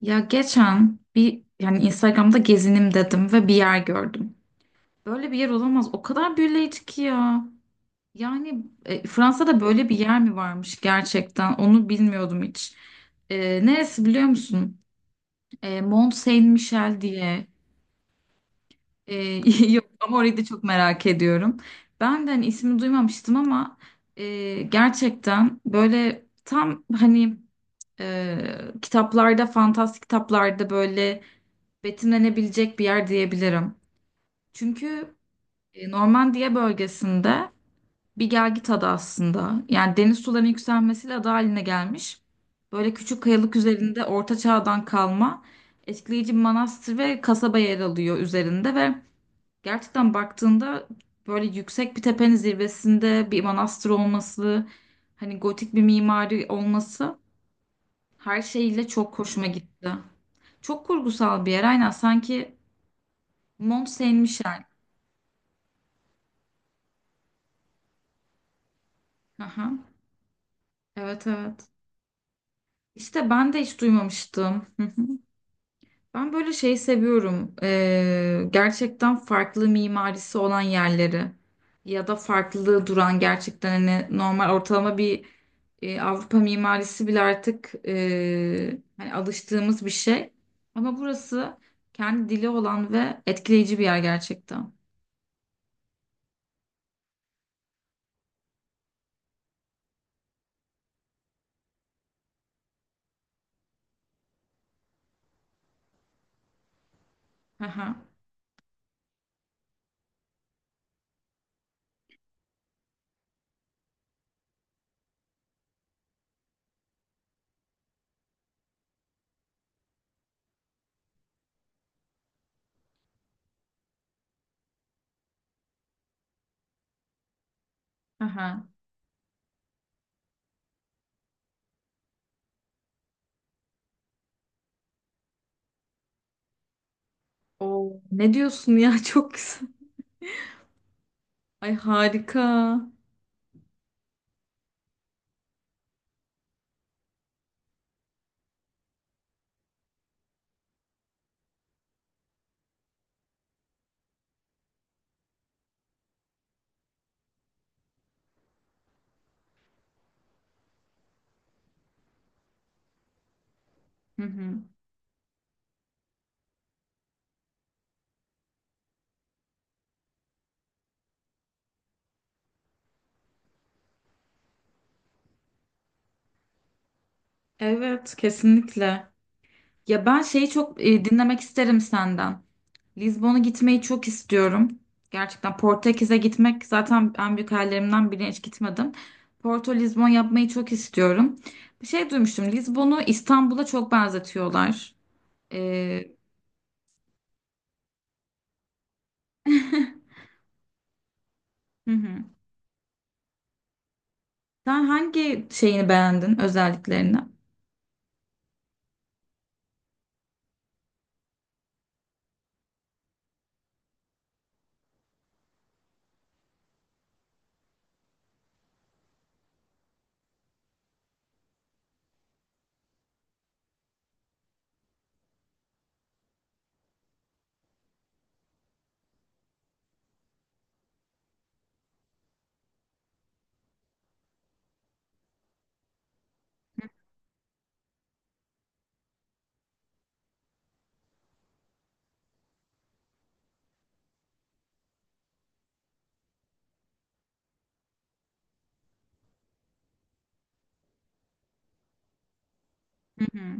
Ya geçen bir yani Instagram'da gezinim dedim ve bir yer gördüm. Böyle bir yer olamaz. O kadar büyüleyici ki ya. Yani Fransa'da böyle bir yer mi varmış gerçekten? Onu bilmiyordum hiç. Neresi biliyor musun? Mont Saint-Michel diye. E, yok ama orayı da çok merak ediyorum. Ben de hani ismi duymamıştım ama gerçekten böyle tam hani kitaplarda, fantastik kitaplarda böyle betimlenebilecek bir yer diyebilirim. Çünkü Normandiya bölgesinde bir gelgit adı aslında. Yani deniz sularının yükselmesiyle ada haline gelmiş. Böyle küçük kayalık üzerinde Orta Çağ'dan kalma etkileyici bir manastır ve kasaba yer alıyor üzerinde ve gerçekten baktığında böyle yüksek bir tepenin zirvesinde bir manastır olması, hani gotik bir mimari olması her şeyiyle çok hoşuma gitti. Çok kurgusal bir yer aynen sanki. Mont Saint-Michel. Aha, evet, evet. İşte ben de hiç duymamıştım. Hı hı. Ben böyle şeyi seviyorum. Gerçekten farklı mimarisi olan yerleri ya da farklı duran gerçekten hani normal ortalama bir Avrupa mimarisi bile artık hani alıştığımız bir şey. Ama burası kendi dili olan ve etkileyici bir yer gerçekten. Aha, aha. Oo, ne diyorsun ya çok güzel. Ay harika. Hı hı. Evet, kesinlikle. Ya ben şeyi çok dinlemek isterim senden. Lizbon'a gitmeyi çok istiyorum. Gerçekten Portekiz'e gitmek zaten en büyük hayallerimden biri, hiç gitmedim. Porto Lizbon yapmayı çok istiyorum. Bir şey duymuştum. Lizbon'u İstanbul'a çok benzetiyorlar. Ee, hı hı. Sen hangi şeyini beğendin özelliklerini? Hı hı.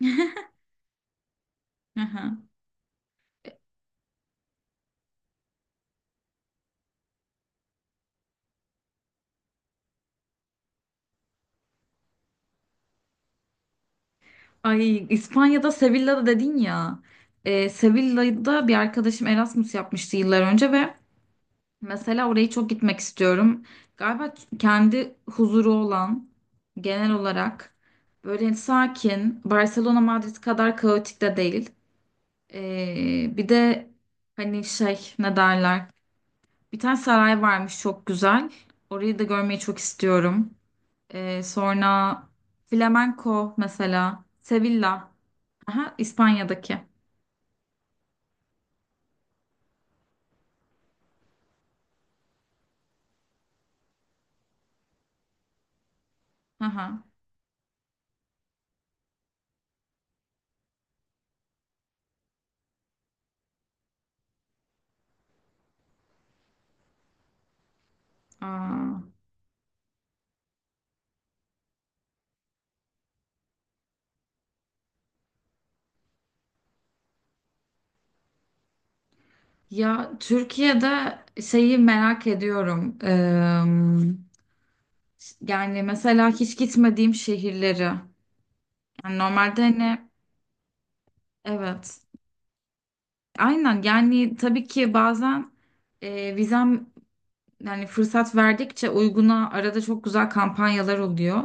Hı hı. Ay, İspanya'da Sevilla'da dedin ya. Sevilla'da bir arkadaşım Erasmus yapmıştı yıllar önce ve mesela orayı çok gitmek istiyorum. Galiba kendi huzuru olan genel olarak böyle sakin, Barcelona Madrid kadar kaotik de değil. Bir de hani şey ne derler? Bir tane saray varmış çok güzel. Orayı da görmeyi çok istiyorum. Sonra Flamenco mesela. Sevilla. Aha, İspanya'daki. Aha. Aa. Ya Türkiye'de şeyi merak ediyorum. Yani mesela hiç gitmediğim şehirleri. Yani normalde hani evet. Aynen yani tabii ki bazen vizem yani fırsat verdikçe uyguna arada çok güzel kampanyalar oluyor.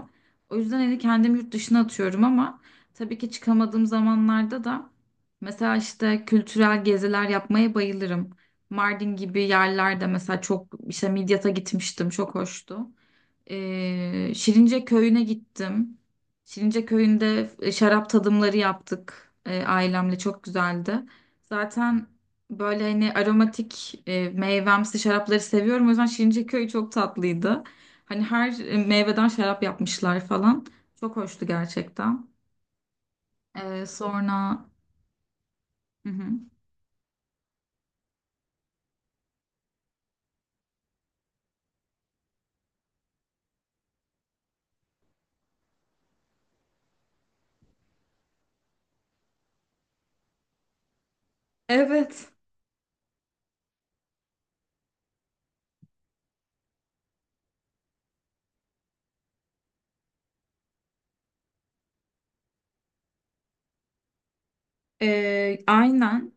O yüzden hani kendimi yurt dışına atıyorum ama tabii ki çıkamadığım zamanlarda da mesela işte kültürel geziler yapmaya bayılırım. Mardin gibi yerlerde mesela çok işte Midyat'a gitmiştim, çok hoştu. Şirince köyüne gittim. Şirince köyünde şarap tadımları yaptık, ailemle çok güzeldi. Zaten böyle hani aromatik meyvemsi şarapları seviyorum. O yüzden Şirince köyü çok tatlıydı. Hani her meyveden şarap yapmışlar falan. Çok hoştu gerçekten. Sonra... Hı hı. Evet. Aynen.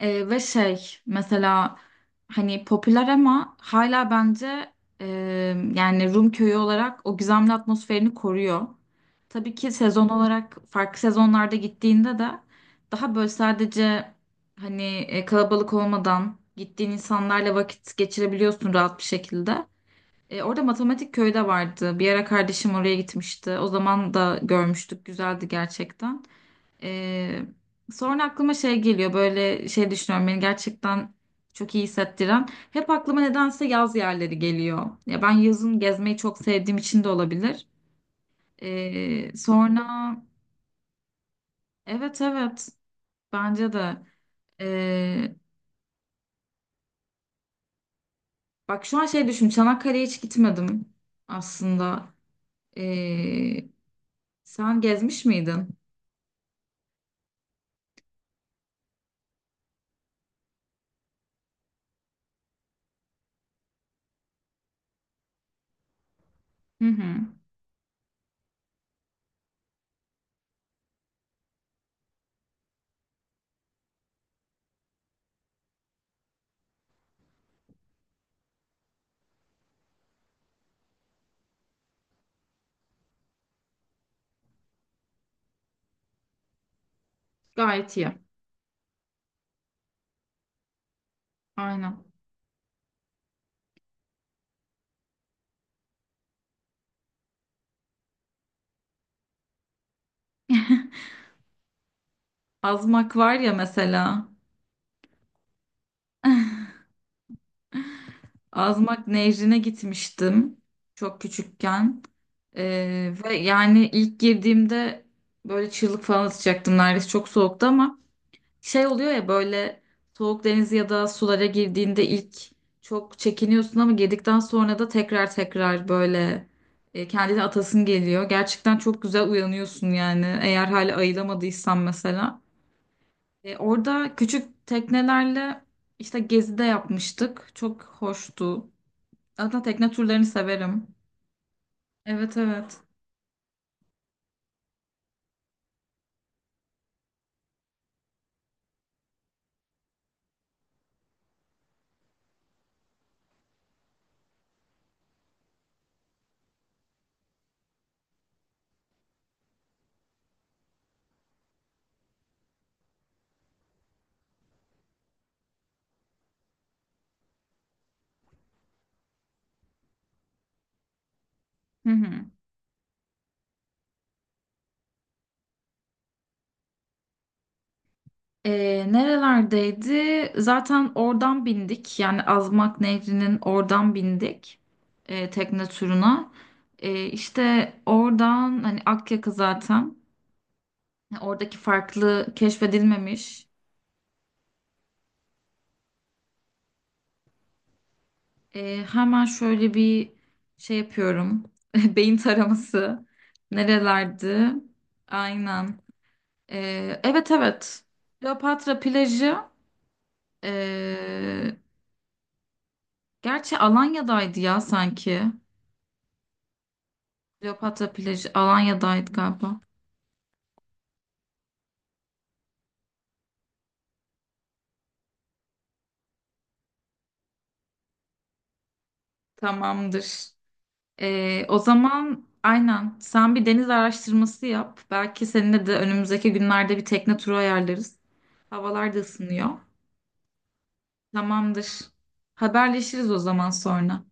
Ve şey mesela hani popüler ama hala bence e, yani Rum köyü olarak o gizemli atmosferini koruyor. Tabii ki sezon olarak farklı sezonlarda gittiğinde de daha böyle sadece hani kalabalık olmadan gittiğin insanlarla vakit geçirebiliyorsun rahat bir şekilde. Orada Matematik Köyü de vardı. Bir ara kardeşim oraya gitmişti. O zaman da görmüştük. Güzeldi gerçekten. Ee, sonra aklıma şey geliyor, böyle şey düşünüyorum beni gerçekten çok iyi hissettiren. Hep aklıma nedense yaz yerleri geliyor. Ya ben yazın gezmeyi çok sevdiğim için de olabilir. Sonra evet, evet, bence de. Ee, bak şu an şey düşün, Çanakkale'ye hiç gitmedim aslında. Ee, sen gezmiş miydin? Hı hı. Gayet iyi. Aynen. Azmak var ya mesela. Azmak Nehri'ne gitmiştim çok küçükken. Ve yani ilk girdiğimde böyle çığlık falan atacaktım neredeyse, çok soğuktu ama şey oluyor ya, böyle soğuk deniz ya da sulara girdiğinde ilk çok çekiniyorsun ama girdikten sonra da tekrar tekrar böyle kendini atasın geliyor. Gerçekten çok güzel uyanıyorsun yani, eğer hala ayılamadıysan mesela. Orada küçük teknelerle işte gezi de yapmıştık. Çok hoştu. Zaten tekne turlarını severim. Evet, evet. Hı hı. Nerelerdeydi? Zaten oradan bindik. Yani Azmak Nehri'nin oradan bindik tekne turuna. İşte oradan hani Akyaka zaten. Yani oradaki farklı keşfedilmemiş. Hemen şöyle bir şey yapıyorum. Beyin taraması. Nerelerdi? Aynen. Evet, evet. Kleopatra plajı. Ee, Gerçi Alanya'daydı ya sanki. Kleopatra plajı Alanya'daydı galiba. Tamamdır. O zaman aynen sen bir deniz araştırması yap. Belki seninle de önümüzdeki günlerde bir tekne turu ayarlarız. Havalar da ısınıyor. Tamamdır. Haberleşiriz o zaman sonra.